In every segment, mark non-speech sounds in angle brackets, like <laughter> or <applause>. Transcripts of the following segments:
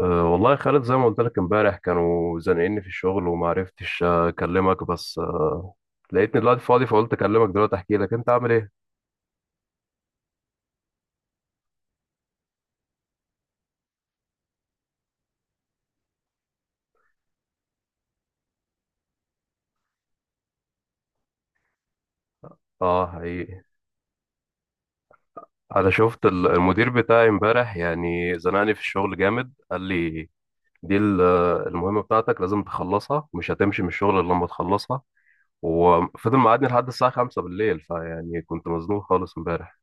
أه، والله يا خالد، زي ما قلت لك امبارح كانوا زنقني في الشغل وما عرفتش اكلمك، بس لقيتني دلوقتي فاضي فقلت اكلمك دلوقتي احكي لك انت عامل ايه. اه حقيقي. انا شفت المدير بتاعي امبارح، يعني زنقني في الشغل جامد، قال لي دي المهمة بتاعتك لازم تخلصها، مش هتمشي من الشغل الا لما تخلصها، وفضل مقعدني لحد الساعة 5 بالليل. فيعني كنت مزنوق خالص امبارح.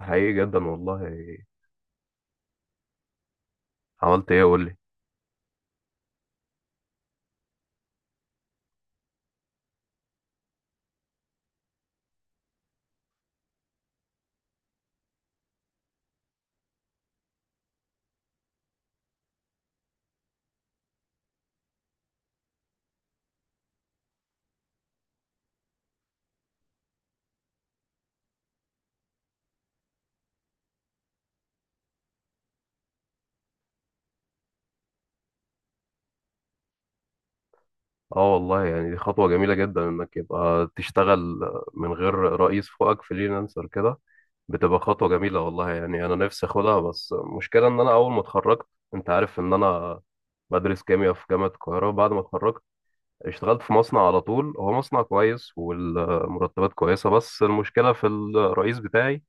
حقيقي جدا والله. عملت ايه؟ قول لي. اه والله، يعني دي خطوة جميلة جدا، انك يبقى تشتغل من غير رئيس فوقك، فريلانسر كده، بتبقى خطوة جميلة والله. يعني انا نفسي اخدها، بس المشكلة ان انا اول ما اتخرجت انت عارف ان انا بدرس كيمياء في جامعة القاهرة. بعد ما اتخرجت اشتغلت في مصنع على طول، هو مصنع كويس والمرتبات كويسة، بس المشكلة في الرئيس بتاعي،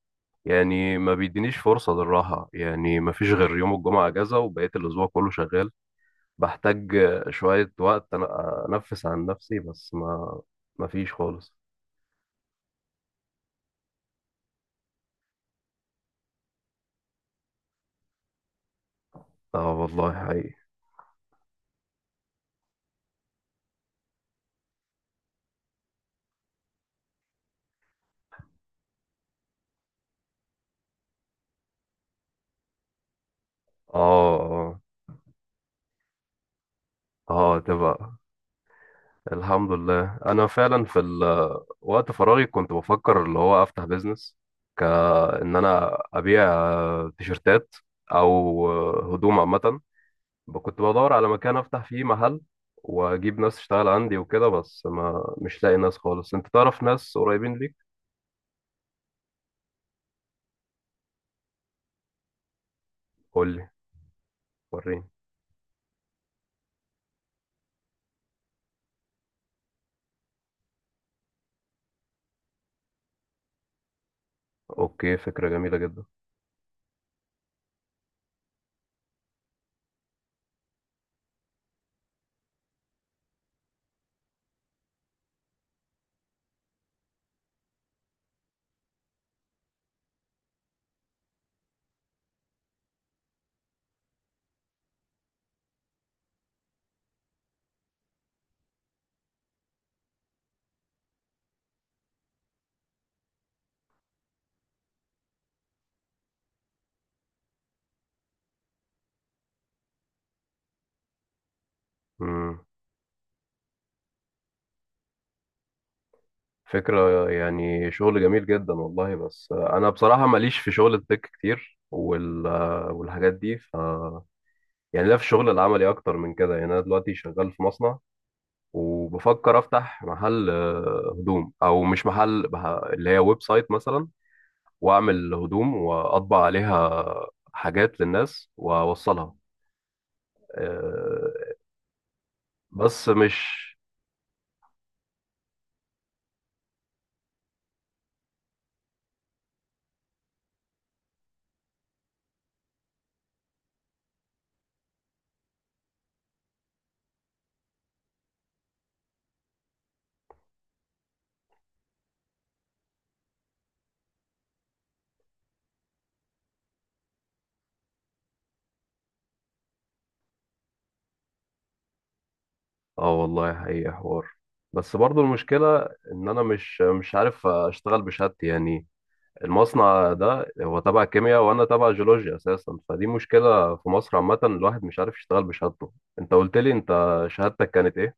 يعني ما بيدينيش فرصة للراحة، يعني ما فيش غير يوم الجمعة اجازة وبقية الاسبوع كله شغال. بحتاج شوية وقت أنا أنفس عن نفسي، بس ما فيش خالص. اه والله حقيقي. اه، اه، اه، تبقى الحمد لله أنا فعلا في وقت فراغي كنت بفكر اللي هو أفتح بيزنس، كأن أنا أبيع تيشرتات، أو هدوم عامة. كنت بدور على مكان أفتح فيه محل وأجيب ناس تشتغل عندي وكده، بس ما مش لاقي ناس خالص. أنت تعرف ناس قريبين ليك؟ قولي. وريني. أوكي، فكرة جميلة جدا. مم. فكرة، يعني شغل جميل جدا والله، بس أنا بصراحة ماليش في شغل التك كتير والحاجات دي يعني لا، في الشغل العملي أكتر من كده. يعني أنا دلوقتي شغال في مصنع، وبفكر أفتح محل هدوم، أو مش محل اللي هي ويب سايت مثلا، وأعمل هدوم وأطبع عليها حاجات للناس وأوصلها. آه، بس مش. اه والله حقيقة حوار، بس برضو المشكلة ان انا مش عارف اشتغل بشهادتي، يعني المصنع ده هو تبع كيمياء وانا تبع جيولوجيا اساسا، فدي مشكلة في مصر عامة، الواحد مش عارف يشتغل بشهادته. انت قلت لي انت شهادتك كانت ايه؟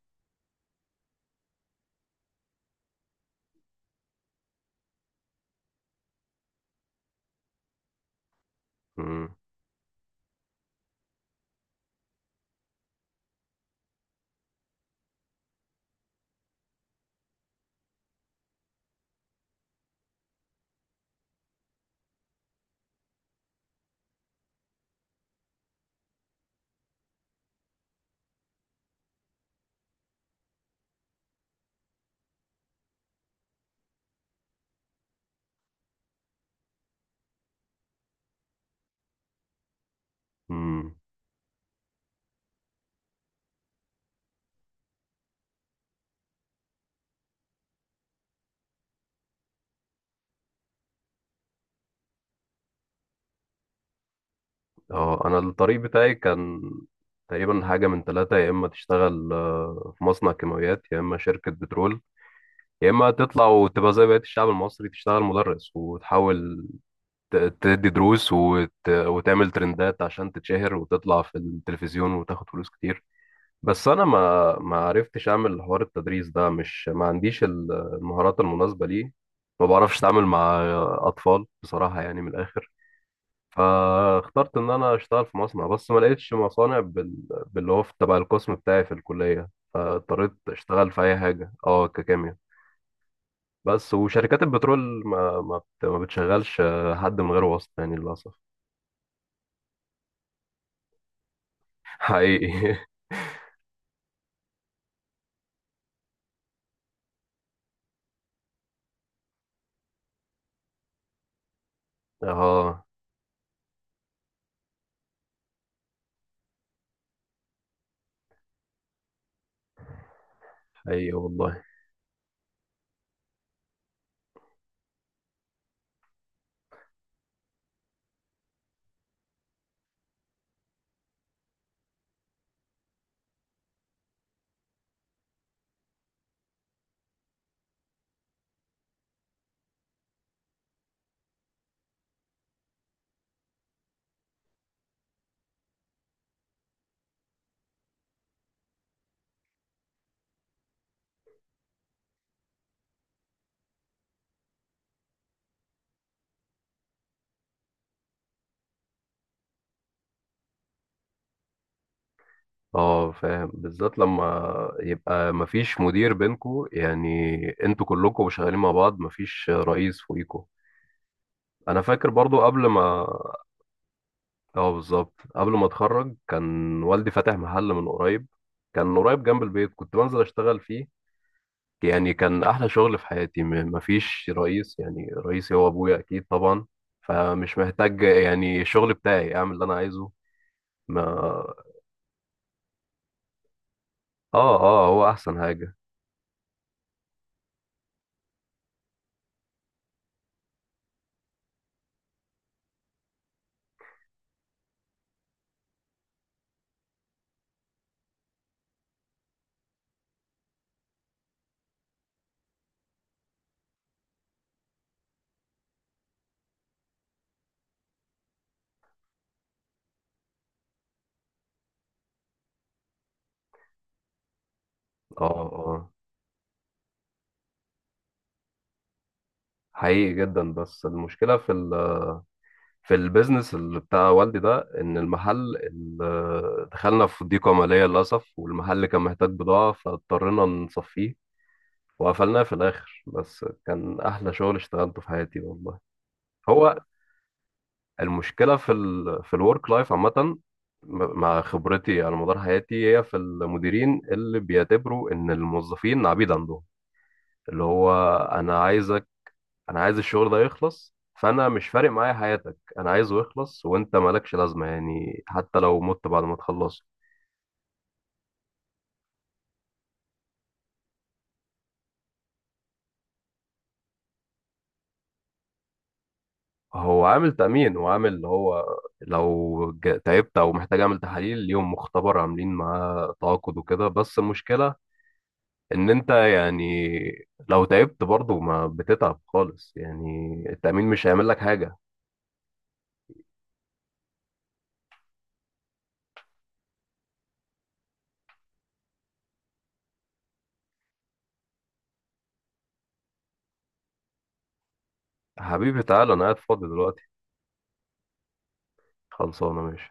امم، امم. اه، انا الطريق بتاعي كان تقريبا حاجة من ثلاثة، يا اما تشتغل في مصنع كيماويات، يا اما شركة بترول، يا اما تطلع وتبقى زي بقية الشعب المصري تشتغل مدرس، وتحاول تدي دروس وتعمل ترندات عشان تتشهر وتطلع في التلفزيون وتاخد فلوس كتير. بس انا ما عرفتش اعمل حوار التدريس ده، مش ما عنديش المهارات المناسبة ليه. ما بعرفش اتعامل مع اطفال بصراحة، يعني من الاخر. فاخترت ان انا اشتغل في مصنع، بس ما لقيتش مصانع باللي هو تبع القسم بتاعي في الكلية، فاضطريت اشتغل في اي حاجة، اه ككيمياء. بس وشركات البترول ما بتشغلش حد من غير واسطة، يعني للأسف. حقيقي <laughs> اه حقيقي والله. اه، فاهم، بالذات لما يبقى مفيش مدير بينكو، يعني انتوا كلكم شغالين مع بعض، مفيش رئيس فوقيكوا. انا فاكر برضو قبل ما اه بالظبط قبل ما اتخرج كان والدي فاتح محل من قريب، كان قريب جنب البيت، كنت بنزل اشتغل فيه. يعني كان احلى شغل في حياتي، مفيش رئيس، يعني رئيسي هو ابويا، اكيد طبعا، فمش محتاج، يعني الشغل بتاعي اعمل اللي انا عايزه. ما اه، اه، هو احسن حاجة. اه، اه، حقيقي جدا. بس المشكلة في ال في البيزنس اللي بتاع والدي ده، ان المحل دخلنا في ضيقة مالية للأسف، والمحل كان محتاج بضاعة، فاضطرينا نصفيه وقفلناه في الآخر، بس كان أحلى شغل اشتغلته في حياتي والله. هو المشكلة في ال في الورك لايف عامة، مع خبرتي على مدار حياتي، هي في المديرين اللي بيعتبروا إن الموظفين عبيد عندهم، اللي هو انا عايزك انا عايز الشغل ده يخلص، فانا مش فارق معايا حياتك، انا عايزه يخلص وانت مالكش لازمه، يعني حتى لو مت بعد ما تخلصه. هو عامل تأمين، وعامل اللي هو لو تعبت او محتاج اعمل تحاليل ليهم مختبر عاملين معاه تعاقد وكده، بس المشكله ان انت، يعني لو تعبت برضه ما بتتعب خالص، يعني التأمين مش هيعمل لك حاجه. حبيبي تعالى، انا قاعد فاضي دلوقتي، خلصانه، ماشي.